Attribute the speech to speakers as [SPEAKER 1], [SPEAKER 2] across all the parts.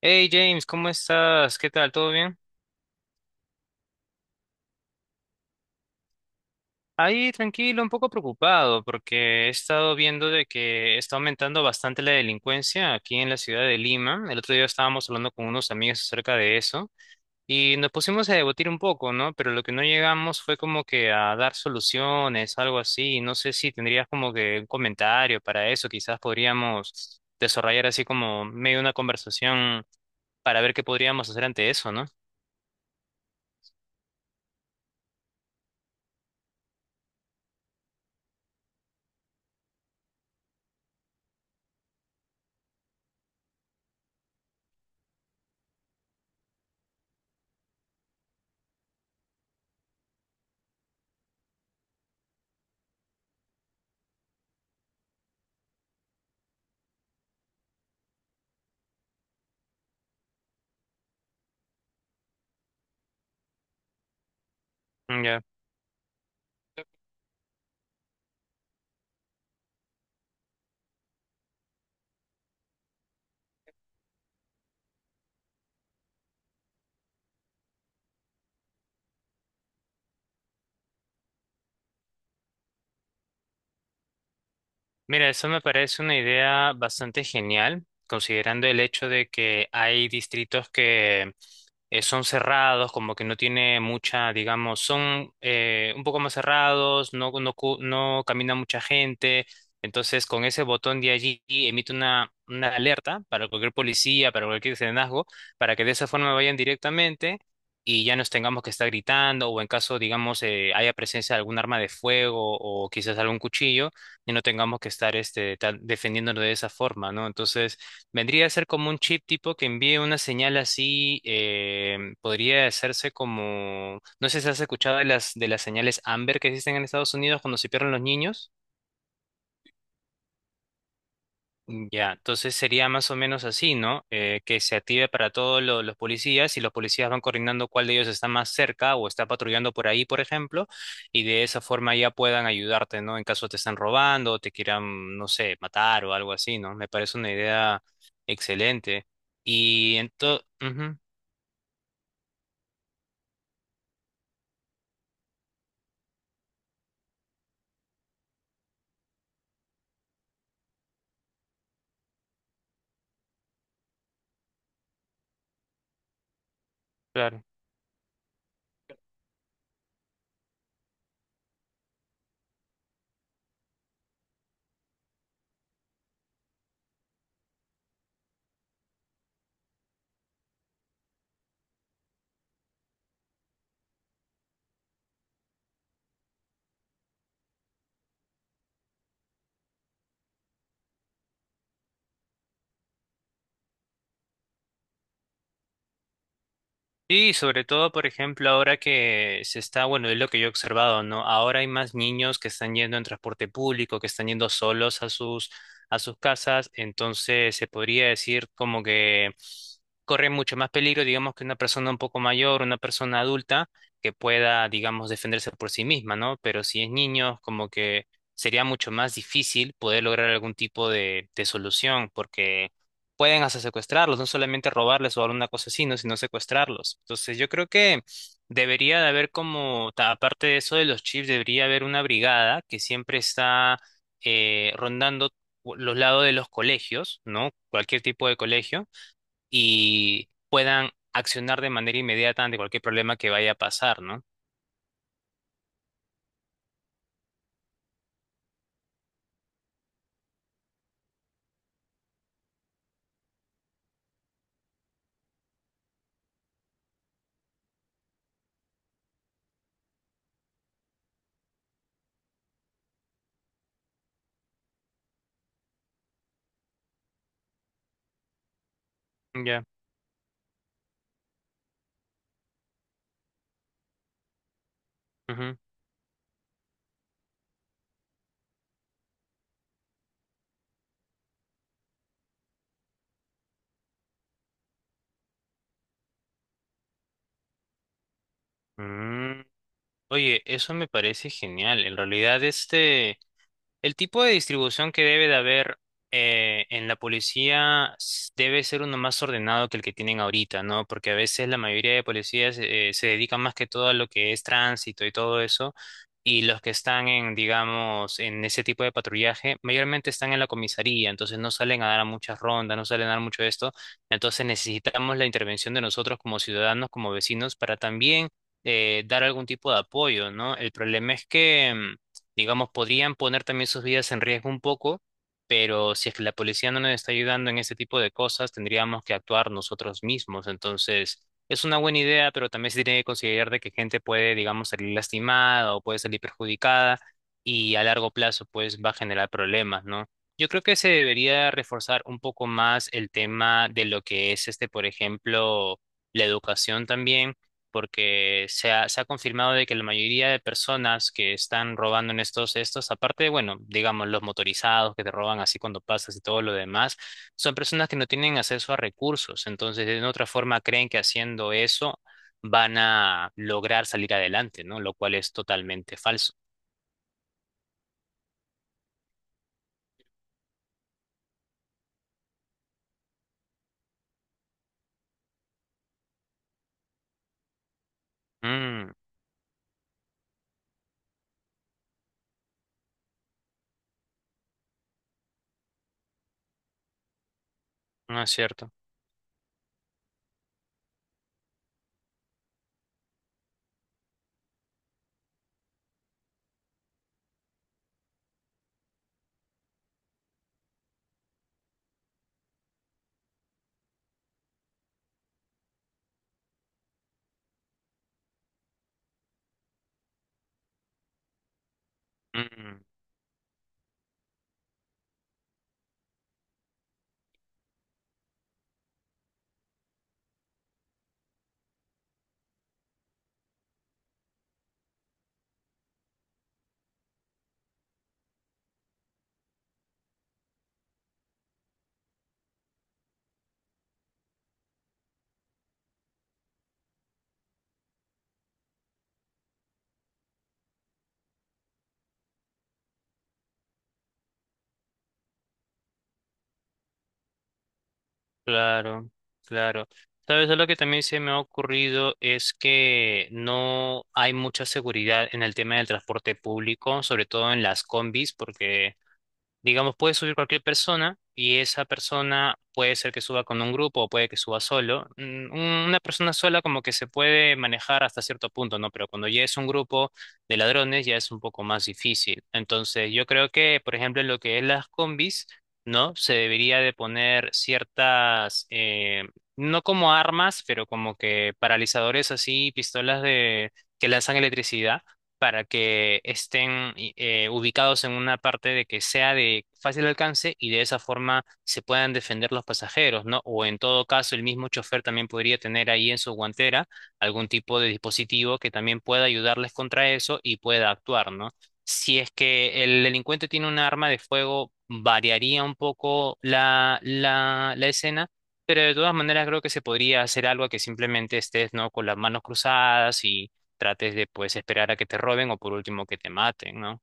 [SPEAKER 1] Hey James, ¿cómo estás? ¿Qué tal? ¿Todo bien? Ahí tranquilo, un poco preocupado porque he estado viendo de que está aumentando bastante la delincuencia aquí en la ciudad de Lima. El otro día estábamos hablando con unos amigos acerca de eso y nos pusimos a debatir un poco, ¿no? Pero lo que no llegamos fue como que a dar soluciones, algo así. No sé si tendrías como que un comentario para eso. Quizás podríamos desarrollar así como medio una conversación para ver qué podríamos hacer ante eso, ¿no? Ya. Mira, eso me parece una idea bastante genial, considerando el hecho de que hay distritos que son cerrados, como que no tiene mucha, digamos, son un poco más cerrados, no, no, no camina mucha gente. Entonces, con ese botón de allí emite una alerta para cualquier policía, para cualquier serenazgo, para que de esa forma vayan directamente y ya nos tengamos que estar gritando, o en caso, digamos, haya presencia de algún arma de fuego o quizás algún cuchillo y no tengamos que estar este, defendiéndonos de esa forma, ¿no? Entonces, vendría a ser como un chip tipo que envíe una señal así, podría hacerse como, no sé si has escuchado de las señales Amber que existen en Estados Unidos cuando se pierden los niños. Ya, entonces sería más o menos así, ¿no? Que se active para todos los policías y los policías van coordinando cuál de ellos está más cerca o está patrullando por ahí, por ejemplo, y de esa forma ya puedan ayudarte, ¿no? En caso te están robando o te quieran, no sé, matar o algo así, ¿no? Me parece una idea excelente. Y entonces, claro. Y sobre todo, por ejemplo, ahora que se está, bueno, es lo que yo he observado, ¿no? Ahora hay más niños que están yendo en transporte público, que están yendo solos a sus casas, entonces se podría decir como que corre mucho más peligro, digamos, que una persona un poco mayor, una persona adulta, que pueda, digamos, defenderse por sí misma, ¿no? Pero si es niño, como que sería mucho más difícil poder lograr algún tipo de solución, porque pueden hasta secuestrarlos, no solamente robarles o alguna cosa así, ¿no? Sino secuestrarlos. Entonces yo creo que debería de haber como, aparte de eso de los chips, debería haber una brigada que siempre está rondando los lados de los colegios, ¿no? Cualquier tipo de colegio, y puedan accionar de manera inmediata ante cualquier problema que vaya a pasar, ¿no? Ya. Ujú. Mm. Oye, eso me parece genial. En realidad, el tipo de distribución que debe de haber en la policía debe ser uno más ordenado que el que tienen ahorita, ¿no? Porque a veces la mayoría de policías se dedican más que todo a lo que es tránsito y todo eso, y los que están en, digamos, en ese tipo de patrullaje, mayormente están en la comisaría, entonces no salen a dar a muchas rondas, no salen a dar mucho de esto, entonces necesitamos la intervención de nosotros como ciudadanos, como vecinos, para también dar algún tipo de apoyo, ¿no? El problema es que digamos, podrían poner también sus vidas en riesgo un poco, pero si es que la policía no nos está ayudando en este tipo de cosas, tendríamos que actuar nosotros mismos. Entonces, es una buena idea, pero también se tiene que considerar de que gente puede, digamos, salir lastimada o puede salir perjudicada y a largo plazo, pues, va a generar problemas, ¿no? Yo creo que se debería reforzar un poco más el tema de lo que es este, por ejemplo, la educación también porque se ha confirmado de que la mayoría de personas que están robando en estos, estos, aparte, bueno, digamos, los motorizados que te roban así cuando pasas y todo lo demás, son personas que no tienen acceso a recursos, entonces de otra forma creen que haciendo eso van a lograr salir adelante, ¿no? Lo cual es totalmente falso. Mm, no es cierto. Mm. Claro, claro. Sabes, lo que también se me ha ocurrido es que no hay mucha seguridad en el tema del transporte público, sobre todo en las combis, porque digamos, puede subir cualquier persona y esa persona puede ser que suba con un grupo o puede que suba solo. Mm, una persona sola como que se puede manejar hasta cierto punto, ¿no? Pero cuando ya es un grupo de ladrones ya es un poco más difícil. Entonces, yo creo que, por ejemplo, en lo que es las combis, ¿no? Se debería de poner ciertas, no como armas, pero como que paralizadores así, pistolas de que lanzan electricidad para que estén ubicados en una parte de que sea de fácil alcance y de esa forma se puedan defender los pasajeros, ¿no? O en todo caso, el mismo chofer también podría tener ahí en su guantera algún tipo de dispositivo que también pueda ayudarles contra eso y pueda actuar, ¿no? Si es que el delincuente tiene un arma de fuego, variaría un poco la, la, la escena. Pero de todas maneras creo que se podría hacer algo que simplemente estés, ¿no? Con las manos cruzadas y trates de pues esperar a que te roben o por último que te maten, ¿no?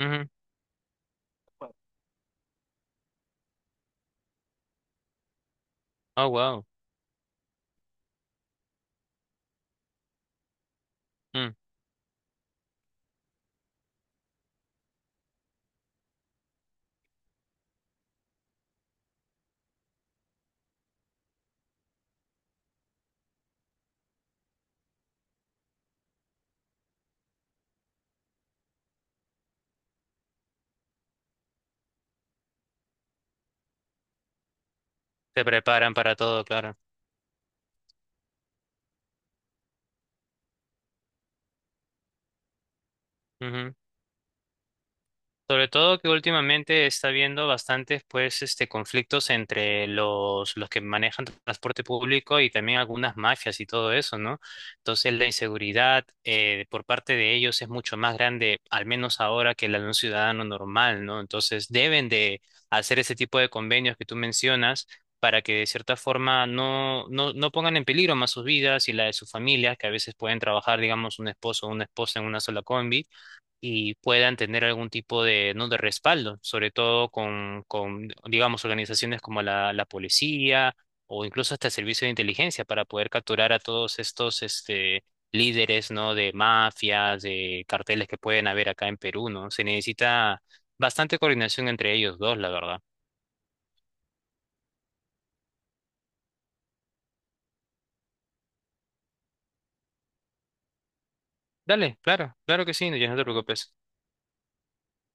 [SPEAKER 1] Ujú. Oh, wow. Mm. Se preparan para todo, claro. Ujú. Sobre todo que últimamente está habiendo bastantes pues este conflictos entre los que manejan transporte público y también algunas mafias y todo eso, ¿no? Entonces la inseguridad por parte de ellos es mucho más grande, al menos ahora, que la de un ciudadano normal, ¿no? Entonces deben de hacer ese tipo de convenios que tú mencionas para que de cierta forma no, no, no pongan en peligro más sus vidas y la de sus familias, que a veces pueden trabajar, digamos, un esposo o una esposa en una sola combi y puedan tener algún tipo de, ¿no? de respaldo, sobre todo con, digamos, organizaciones como la policía o incluso hasta el servicio de inteligencia para poder capturar a todos estos este, líderes, ¿no? de mafias, de carteles que pueden haber acá en Perú, ¿no? Se necesita bastante coordinación entre ellos dos, la verdad. Dale, claro, claro que sí, no, ya no te preocupes.